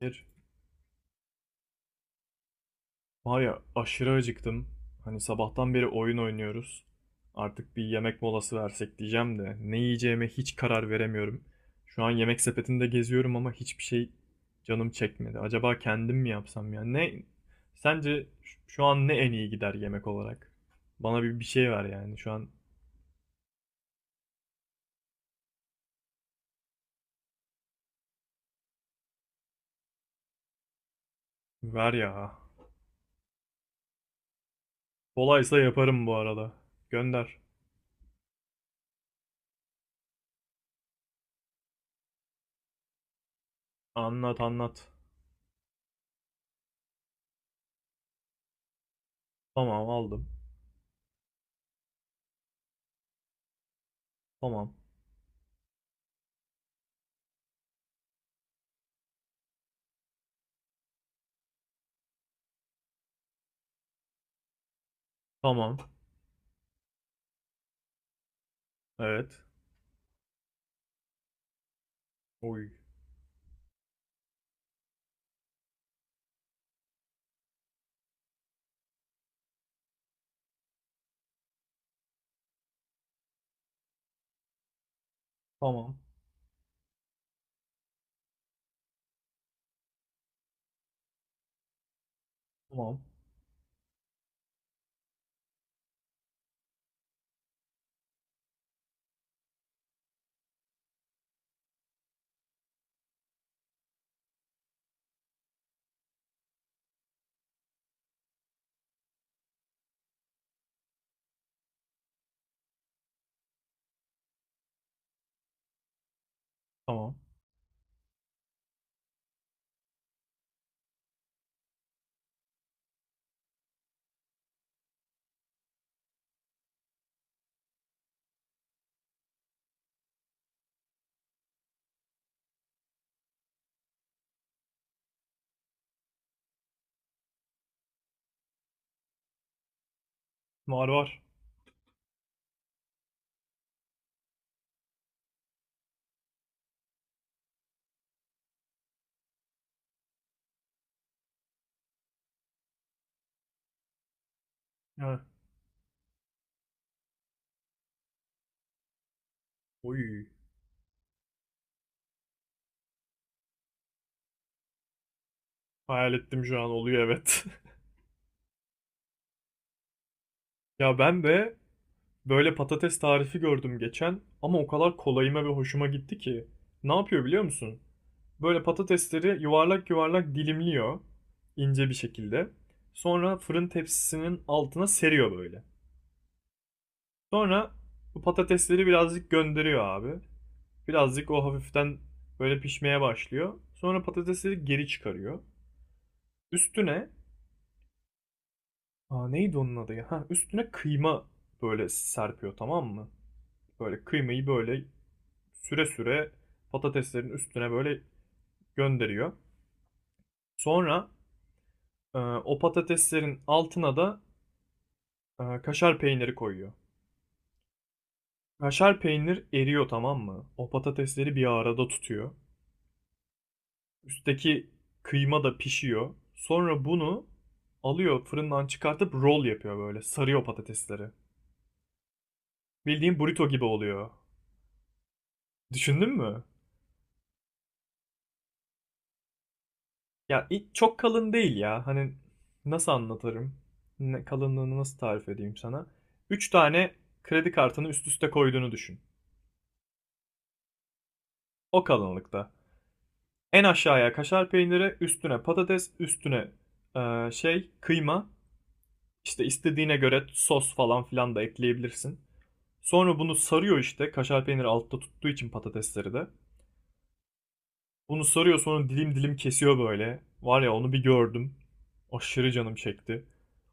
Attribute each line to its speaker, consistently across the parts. Speaker 1: Bir. Var ya aşırı acıktım. Hani sabahtan beri oyun oynuyoruz. Artık bir yemek molası versek diyeceğim de ne yiyeceğime hiç karar veremiyorum. Şu an yemek sepetinde geziyorum ama hiçbir şey canım çekmedi. Acaba kendim mi yapsam ya? Ne sence şu an ne en iyi gider yemek olarak? Bana bir şey ver yani şu an. Ver ya. Kolaysa yaparım bu arada. Gönder. Anlat anlat. Tamam aldım. Tamam. Tamam. Evet. Oy. Tamam. Tamam. Tamam. Var var. Ha. Oy. Hayal ettim şu an oluyor evet. Ya ben de böyle patates tarifi gördüm geçen ama o kadar kolayıma ve hoşuma gitti ki. Ne yapıyor biliyor musun? Böyle patatesleri yuvarlak yuvarlak dilimliyor ince bir şekilde. Sonra fırın tepsisinin altına seriyor böyle. Sonra bu patatesleri birazcık gönderiyor abi. Birazcık o hafiften böyle pişmeye başlıyor. Sonra patatesleri geri çıkarıyor. Üstüne. Aa, neydi onun adı ya? Ha, üstüne kıyma böyle serpiyor, tamam mı? Böyle kıymayı böyle süre süre patateslerin üstüne böyle gönderiyor. Sonra o patateslerin altına da kaşar peyniri koyuyor. Kaşar peynir eriyor, tamam mı? O patatesleri bir arada tutuyor. Üstteki kıyma da pişiyor. Sonra bunu alıyor, fırından çıkartıp roll yapıyor böyle. Sarıyor patatesleri. Bildiğin burrito gibi oluyor. Düşündün mü? Ya çok kalın değil ya. Hani nasıl anlatırım? Kalınlığını nasıl tarif edeyim sana? 3 tane kredi kartını üst üste koyduğunu düşün. O kalınlıkta. En aşağıya kaşar peyniri, üstüne patates, üstüne şey kıyma. İşte istediğine göre sos falan filan da ekleyebilirsin. Sonra bunu sarıyor işte. Kaşar peyniri altta tuttuğu için patatesleri de. Bunu sarıyor, sonra dilim dilim kesiyor böyle. Var ya, onu bir gördüm. Aşırı canım çekti.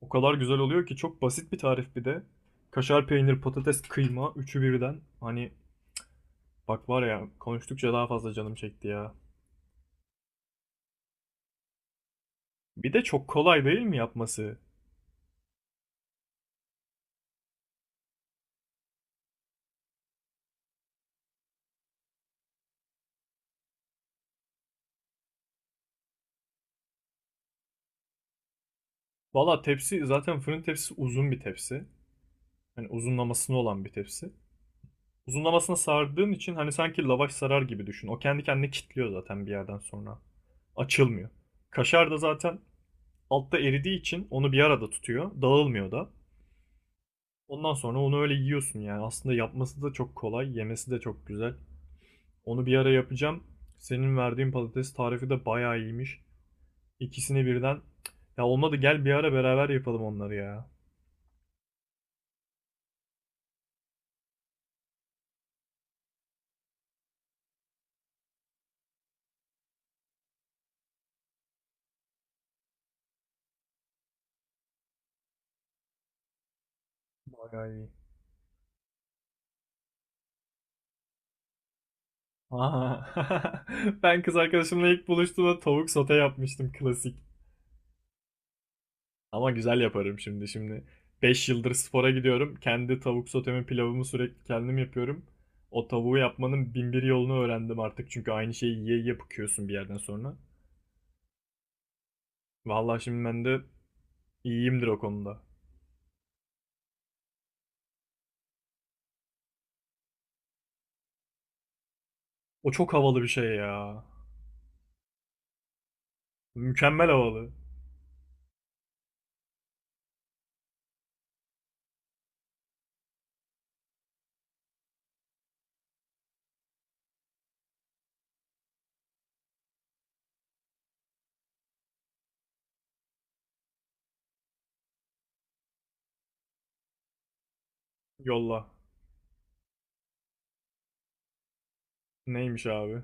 Speaker 1: O kadar güzel oluyor ki, çok basit bir tarif bir de. Kaşar peynir, patates, kıyma üçü birden. Hani bak, var ya, konuştukça daha fazla canım çekti ya. Bir de çok kolay değil mi yapması? Valla tepsi zaten fırın tepsisi, uzun bir tepsi. Hani uzunlamasına olan bir tepsi. Uzunlamasına sardığın için hani sanki lavaş sarar gibi düşün. O kendi kendine kilitliyor zaten bir yerden sonra. Açılmıyor. Kaşar da zaten altta eridiği için onu bir arada tutuyor. Dağılmıyor da. Ondan sonra onu öyle yiyorsun yani. Aslında yapması da çok kolay. Yemesi de çok güzel. Onu bir ara yapacağım. Senin verdiğin patates tarifi de bayağı iyiymiş. İkisini birden. Ya olmadı, gel bir ara beraber yapalım onları ya. Bayağı iyi. Aa, ben kız arkadaşımla ilk buluştuğumda tavuk sote yapmıştım, klasik. Ama güzel yaparım şimdi. Şimdi 5 yıldır spora gidiyorum. Kendi tavuk sotemi, pilavımı sürekli kendim yapıyorum. O tavuğu yapmanın bin bir yolunu öğrendim artık. Çünkü aynı şeyi yiye yiye bıkıyorsun bir yerden sonra. Vallahi şimdi ben de iyiyimdir o konuda. O çok havalı bir şey ya. Mükemmel havalı. Yolla. Neymiş abi?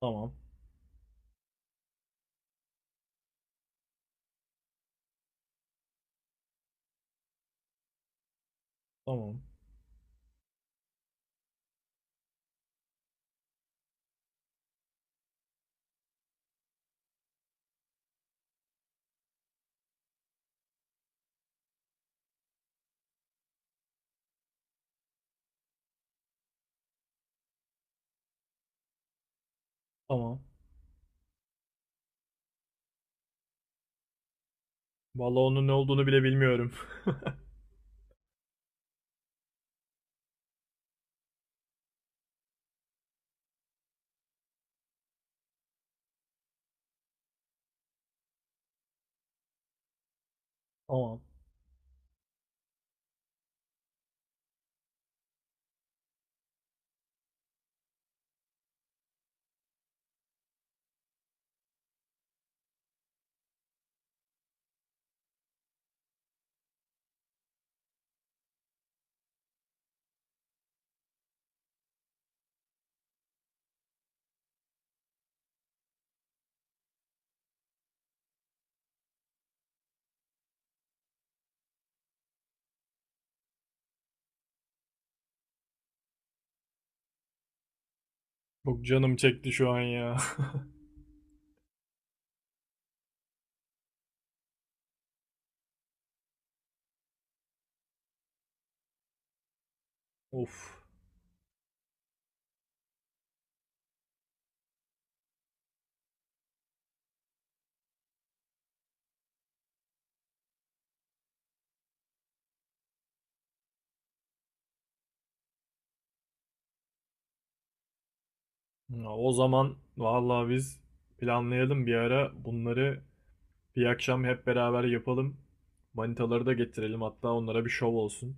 Speaker 1: Tamam. Tamam. Tamam. Vallahi onun ne olduğunu bile bilmiyorum. Tamam. Çok canım çekti şu an ya. Of. Ya, o zaman vallahi biz planlayalım bir ara bunları, bir akşam hep beraber yapalım. Manitaları da getirelim, hatta onlara bir şov olsun.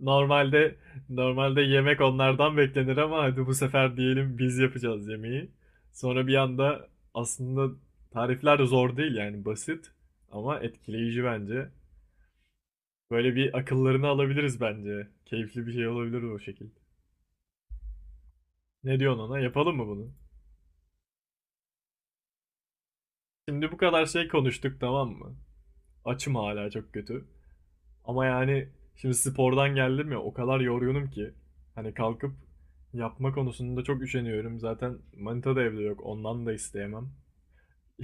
Speaker 1: Normalde normalde yemek onlardan beklenir ama hadi bu sefer diyelim biz yapacağız yemeği. Sonra bir anda aslında tarifler de zor değil yani, basit ama etkileyici bence. Böyle bir akıllarını alabiliriz bence. Keyifli bir şey olabilir o şekilde. Ne diyorsun ona? Yapalım mı bunu? Şimdi bu kadar şey konuştuk, tamam mı? Açım hala çok kötü. Ama yani şimdi spordan geldim ya, o kadar yorgunum ki. Hani kalkıp yapma konusunda çok üşeniyorum. Zaten manita da evde yok. Ondan da isteyemem.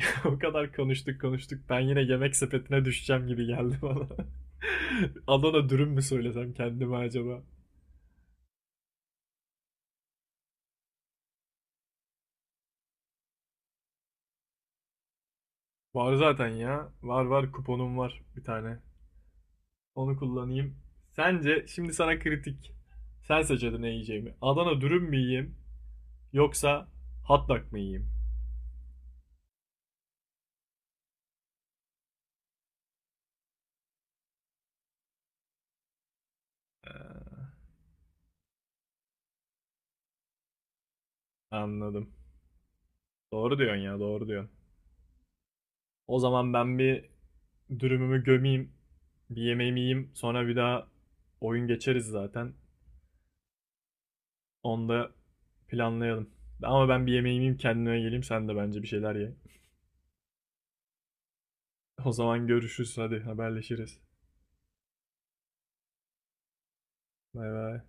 Speaker 1: O kadar konuştuk konuştuk. Ben yine yemek sepetine düşeceğim gibi geldi bana. Adana dürüm mü söylesem kendime acaba? Var zaten ya. Var var, kuponum var bir tane. Onu kullanayım. Sence şimdi sana kritik. Sen seç ne yiyeceğimi. Adana dürüm mü yiyeyim yoksa hot dog mı yiyeyim? Ee, Anladım. Doğru diyorsun ya, doğru diyorsun. O zaman ben bir dürümümü gömeyim, bir yemeğimi yiyeyim, sonra bir daha oyun geçeriz zaten. Onu da planlayalım. Ama ben bir yemeğimi yiyeyim, kendime geleyim, sen de bence bir şeyler ye. O zaman görüşürüz, hadi haberleşiriz. Bay bay.